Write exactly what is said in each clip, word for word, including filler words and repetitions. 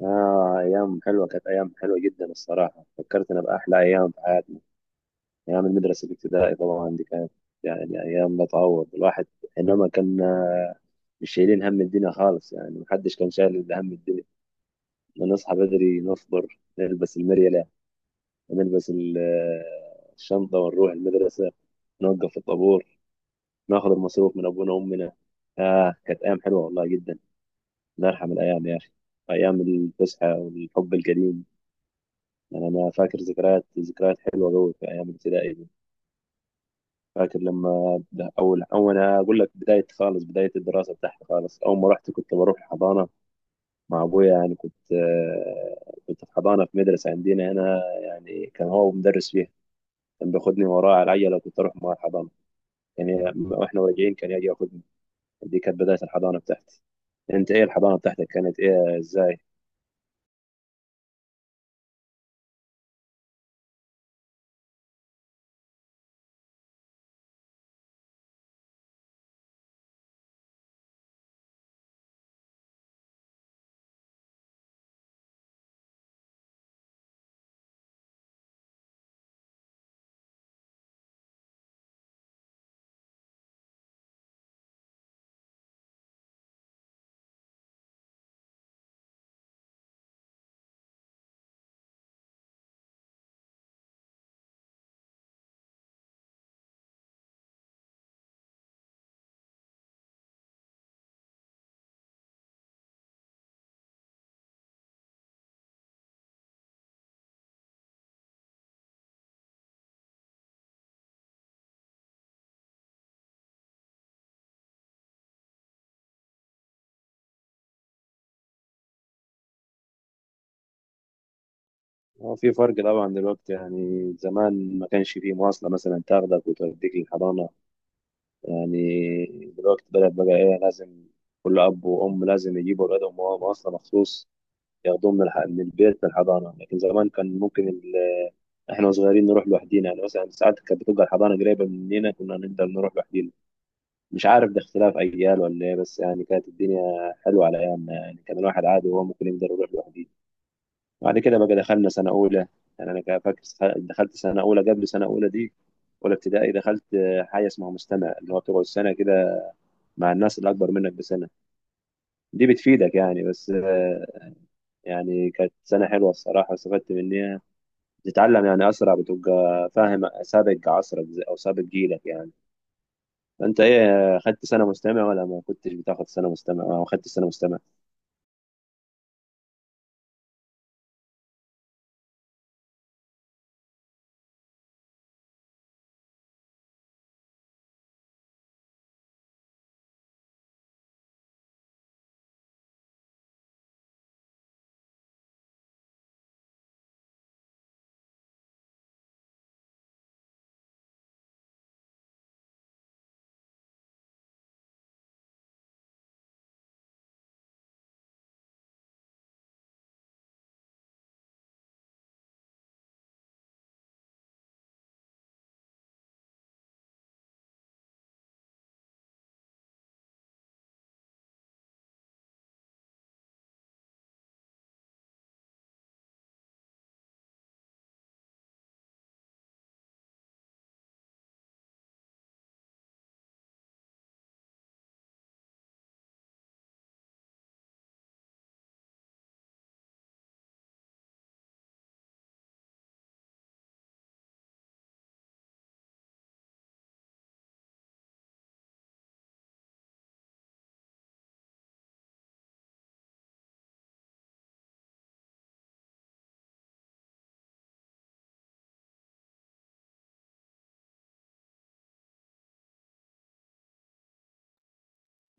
آه، أيام حلوة. كانت أيام حلوة جدا الصراحة، فكرتنا بأحلى أيام في حياتنا. أيام المدرسة الابتدائي طبعا دي كانت يعني أيام لا تعوض الواحد. إنما كنا مش شايلين هم الدنيا خالص، يعني محدش كان شايل إلا هم الدنيا. نصحى بدري، نفطر، نلبس المريلة ونلبس ال- الشنطة ونروح المدرسة، نوقف في الطابور، ناخد المصروف من أبونا وأمنا. آه كانت أيام حلوة والله جدا. نرحم الأيام يا أخي، أيام الفسحة والحب القديم. يعني انا فاكر ذكريات ذكريات حلوه قوي في ايام الابتدائي دي. فاكر لما ده اول اول أنا اقول لك بدايه خالص، بدايه الدراسه بتاعتي خالص. اول ما رحت كنت بروح حضانه مع ابويا. يعني كنت آه، كنت في حضانه في مدرسه عندنا هنا، يعني كان هو مدرس فيها. كان بياخدني وراه على العجله، كنت اروح مع الحضانه، يعني واحنا راجعين كان يجي ياخدني. دي كانت بدايه الحضانه بتاعتي. انت ايه الحضانه بتاعتك كانت ايه ازاي؟ هو في فرق طبعا دلوقتي. يعني زمان ما كانش فيه مواصله مثلا تاخدك وتوديك للحضانه. يعني دلوقتي بدأت بقى إيه، لازم كل أب وأم لازم يجيبوا أولادهم، وهم أصلا مخصوص ياخدوهم من, الح... من البيت للحضانة. لكن زمان كان ممكن ال... إحنا صغيرين نروح لوحدينا. يعني مثلا ساعات كانت بتبقى الحضانة قريبة مننا، كنا نقدر نروح لوحدينا. مش عارف ده اختلاف أجيال ولا إيه، بس يعني كانت الدنيا حلوة على أيامنا، يعني كان الواحد عادي وهو ممكن يقدر يروح لوحده. بعد كده بقى دخلنا سنة أولى. يعني أنا كان فاكر، دخلت سنة أولى. قبل سنة أولى دي، أولى ابتدائي، دخلت آه، حاجة اسمها مستمع، اللي هو بتقعد سنة كده مع الناس اللي اكبر منك بسنه. دي بتفيدك يعني. بس آه، يعني كانت سنه حلوه الصراحه، استفدت منها. تتعلم يعني اسرع، بتبقى فاهم سابق عصرك، زي- او سابق جيلك يعني. فانت ايه، خدت سنه مستمع ولا ما كنتش بتاخد سنه مستمع، او خدت سنه مستمع؟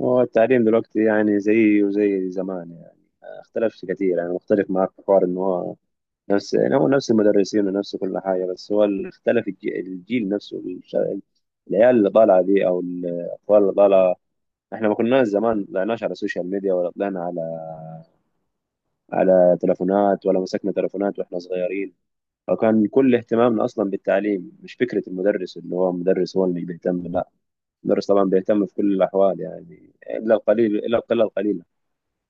هو التعليم دلوقتي يعني زي وزي زمان يعني، ما اختلفش كتير. يعني مختلف معاك في حوار ان هو نفس، يعني هو نفس المدرسين ونفس كل حاجه. بس هو اللي اختلف الجي- الجيل نفسه، الش- العيال اللي طالعه دي او الاطفال اللي طالعه. احنا ما كناش زمان طلعناش على السوشيال ميديا، ولا طلعنا على على تلفونات، ولا مسكنا تلفونات واحنا صغيرين. فكان كل اهتمامنا اصلا بالتعليم. مش فكره المدرس اللي هو مدرس هو اللي بيهتم، لا، المدرس طبعا بيهتم في كل الاحوال، يعني الا القليل، الا القله القليله.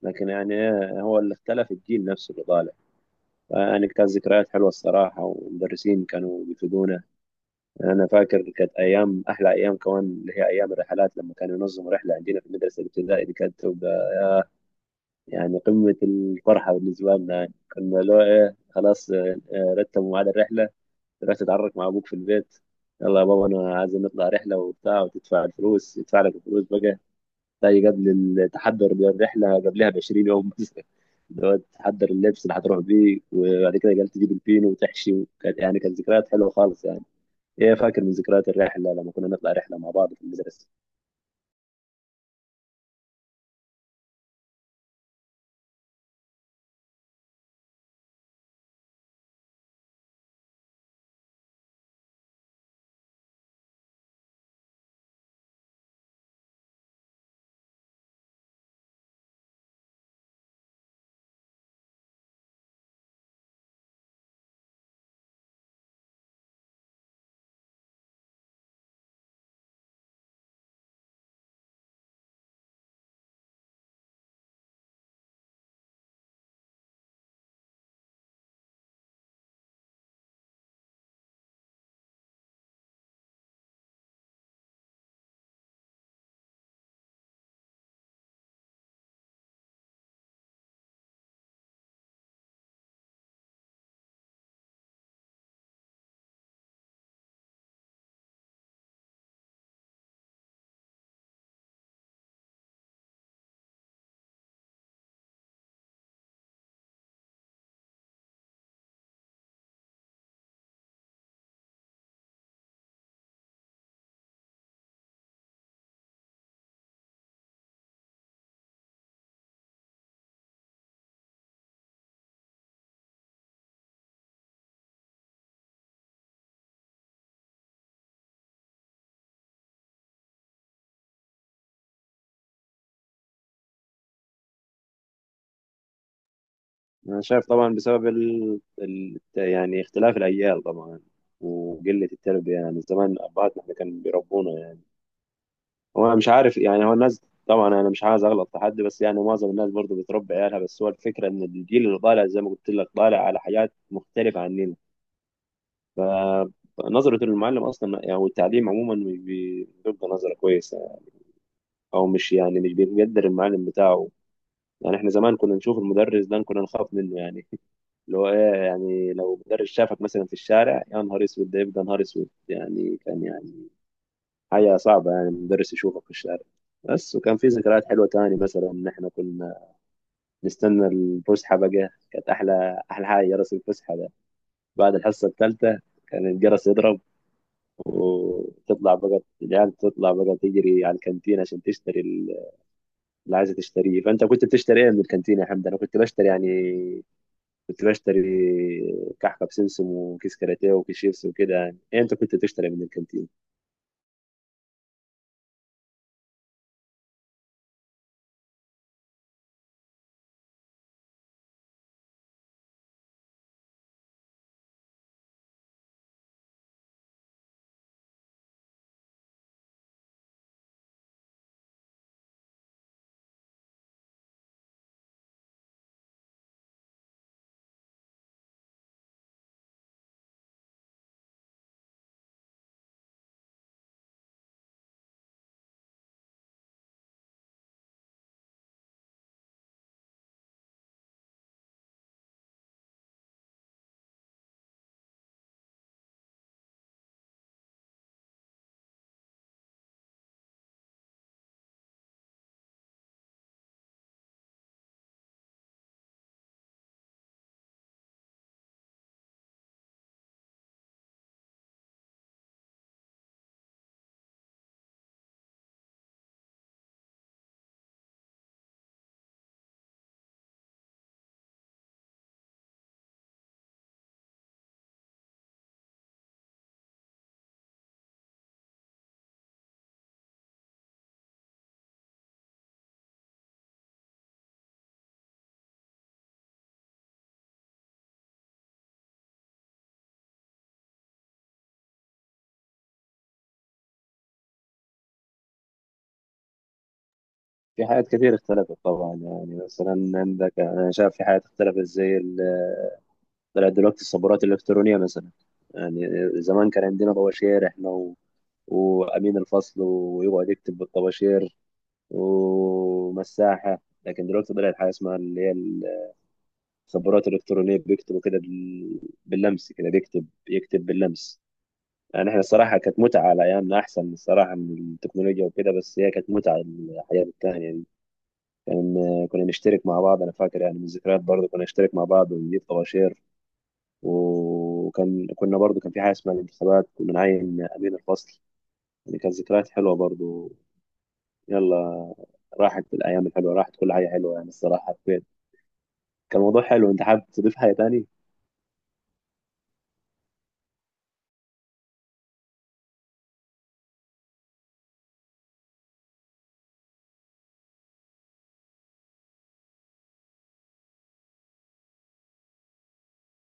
لكن يعني إيه، هو اللي اختلف الجيل نفسه اللي طالع. يعني كانت ذكريات حلوه الصراحه، والمدرسين كانوا بيفيدونا. انا فاكر كانت ايام احلى ايام كمان اللي هي ايام الرحلات. لما كانوا ينظموا رحله عندنا في المدرسه الابتدائيه، دي كانت يعني قمة الفرحة بالنسبة لنا. يعني كنا لو إيه خلاص، آه، آه، رتبوا ميعاد الرحلة، رحت تتعرف مع أبوك في البيت، يلا يا بابا أنا عايز نطلع رحلة وبتاع، وتدفع الفلوس، يدفع لك الفلوس بقى. تلاقي قبل التحضر للرحلة قبلها ب عشرين يوم مثلا اللي هو تحضر اللبس اللي هتروح بيه، وبعد كده قال تجيب البينو وتحشي. وكانت يعني كانت ذكريات حلوة خالص يعني. إيه فاكر من ذكريات الرحلة لما كنا نطلع رحلة مع بعض في المدرسة؟ أنا شايف طبعا بسبب ال... ال... يعني اختلاف الأجيال طبعا وقلة التربية. يعني زمان أبهاتنا إحنا كانوا بيربونا يعني. هو أنا مش عارف يعني، هو الناس، طبعا أنا مش عايز أغلط في حد، بس يعني معظم الناس برضو بتربي عيالها. بس هو الفكرة إن الجيل اللي طالع زي ما قلت لك طالع على حاجات مختلفة عننا. نظرة المعلم أصلا يعني والتعليم عموما مش بي- بيبقى نظرة كويسة يعني. أو مش يعني مش بيقدر المعلم بتاعه. يعني إحنا زمان كنا نشوف المدرس ده كنا نخاف منه يعني. اللي هو ايه يعني، لو مدرس شافك مثلا في الشارع، يا نهار اسود، ده يبقى نهار اسود يعني. كان يعني حاجه صعبه يعني المدرس يشوفك في الشارع. بس وكان في ذكريات حلوه تاني. مثلا ان احنا كنا نستنى الفسحه بقى، كانت احلى احلى حاجه جرس الفسحه ده. بعد الحصه الثالثه كان الجرس يضرب وتطلع بقى العيال، تطلع بقى تجري على الكانتين عشان تشتري ال- اللي عايزه تشتريه. فانت كنت بتشتري ايه من الكانتين يا حمد؟ انا كنت بشتري يعني كنت بشتري كحكه بسمسم، وكيس كاراتيه، وكيس شيبسي، وكده يعني. إيه، انت كنت تشتري من الكانتين؟ في حاجات كتير اختلفت طبعا. يعني مثلا عندك، انا شايف في حاجات اختلفت زي ال- طلعت دلوقتي الصبورات الالكترونيه مثلا. يعني زمان كان عندنا طباشير احنا و وامين الفصل ويقعد يكتب بالطباشير ومساحه. لكن دلوقتي طلعت حاجه اسمها اللي هي الصبورات الالكترونيه، بيكتبوا كده بال... باللمس كده، بيكتب يكتب باللمس. يعني احنا الصراحة كانت متعة على أيامنا أحسن الصراحة من التكنولوجيا وكده. بس هي كانت متعة الحياة التانية دي. كان كنا نشترك مع بعض. أنا فاكر يعني من الذكريات برضه، كنا نشترك مع بعض ونجيب طباشير. وكان كنا برضه كان في حاجة اسمها الانتخابات، كنا نعين أمين الفصل. يعني كانت ذكريات حلوة برضه. يلا، راحت الأيام الحلوة، راحت كل حاجة حلوة يعني. الصراحة حبيت، كان موضوع حلو. أنت حابب تضيف حاجة تاني؟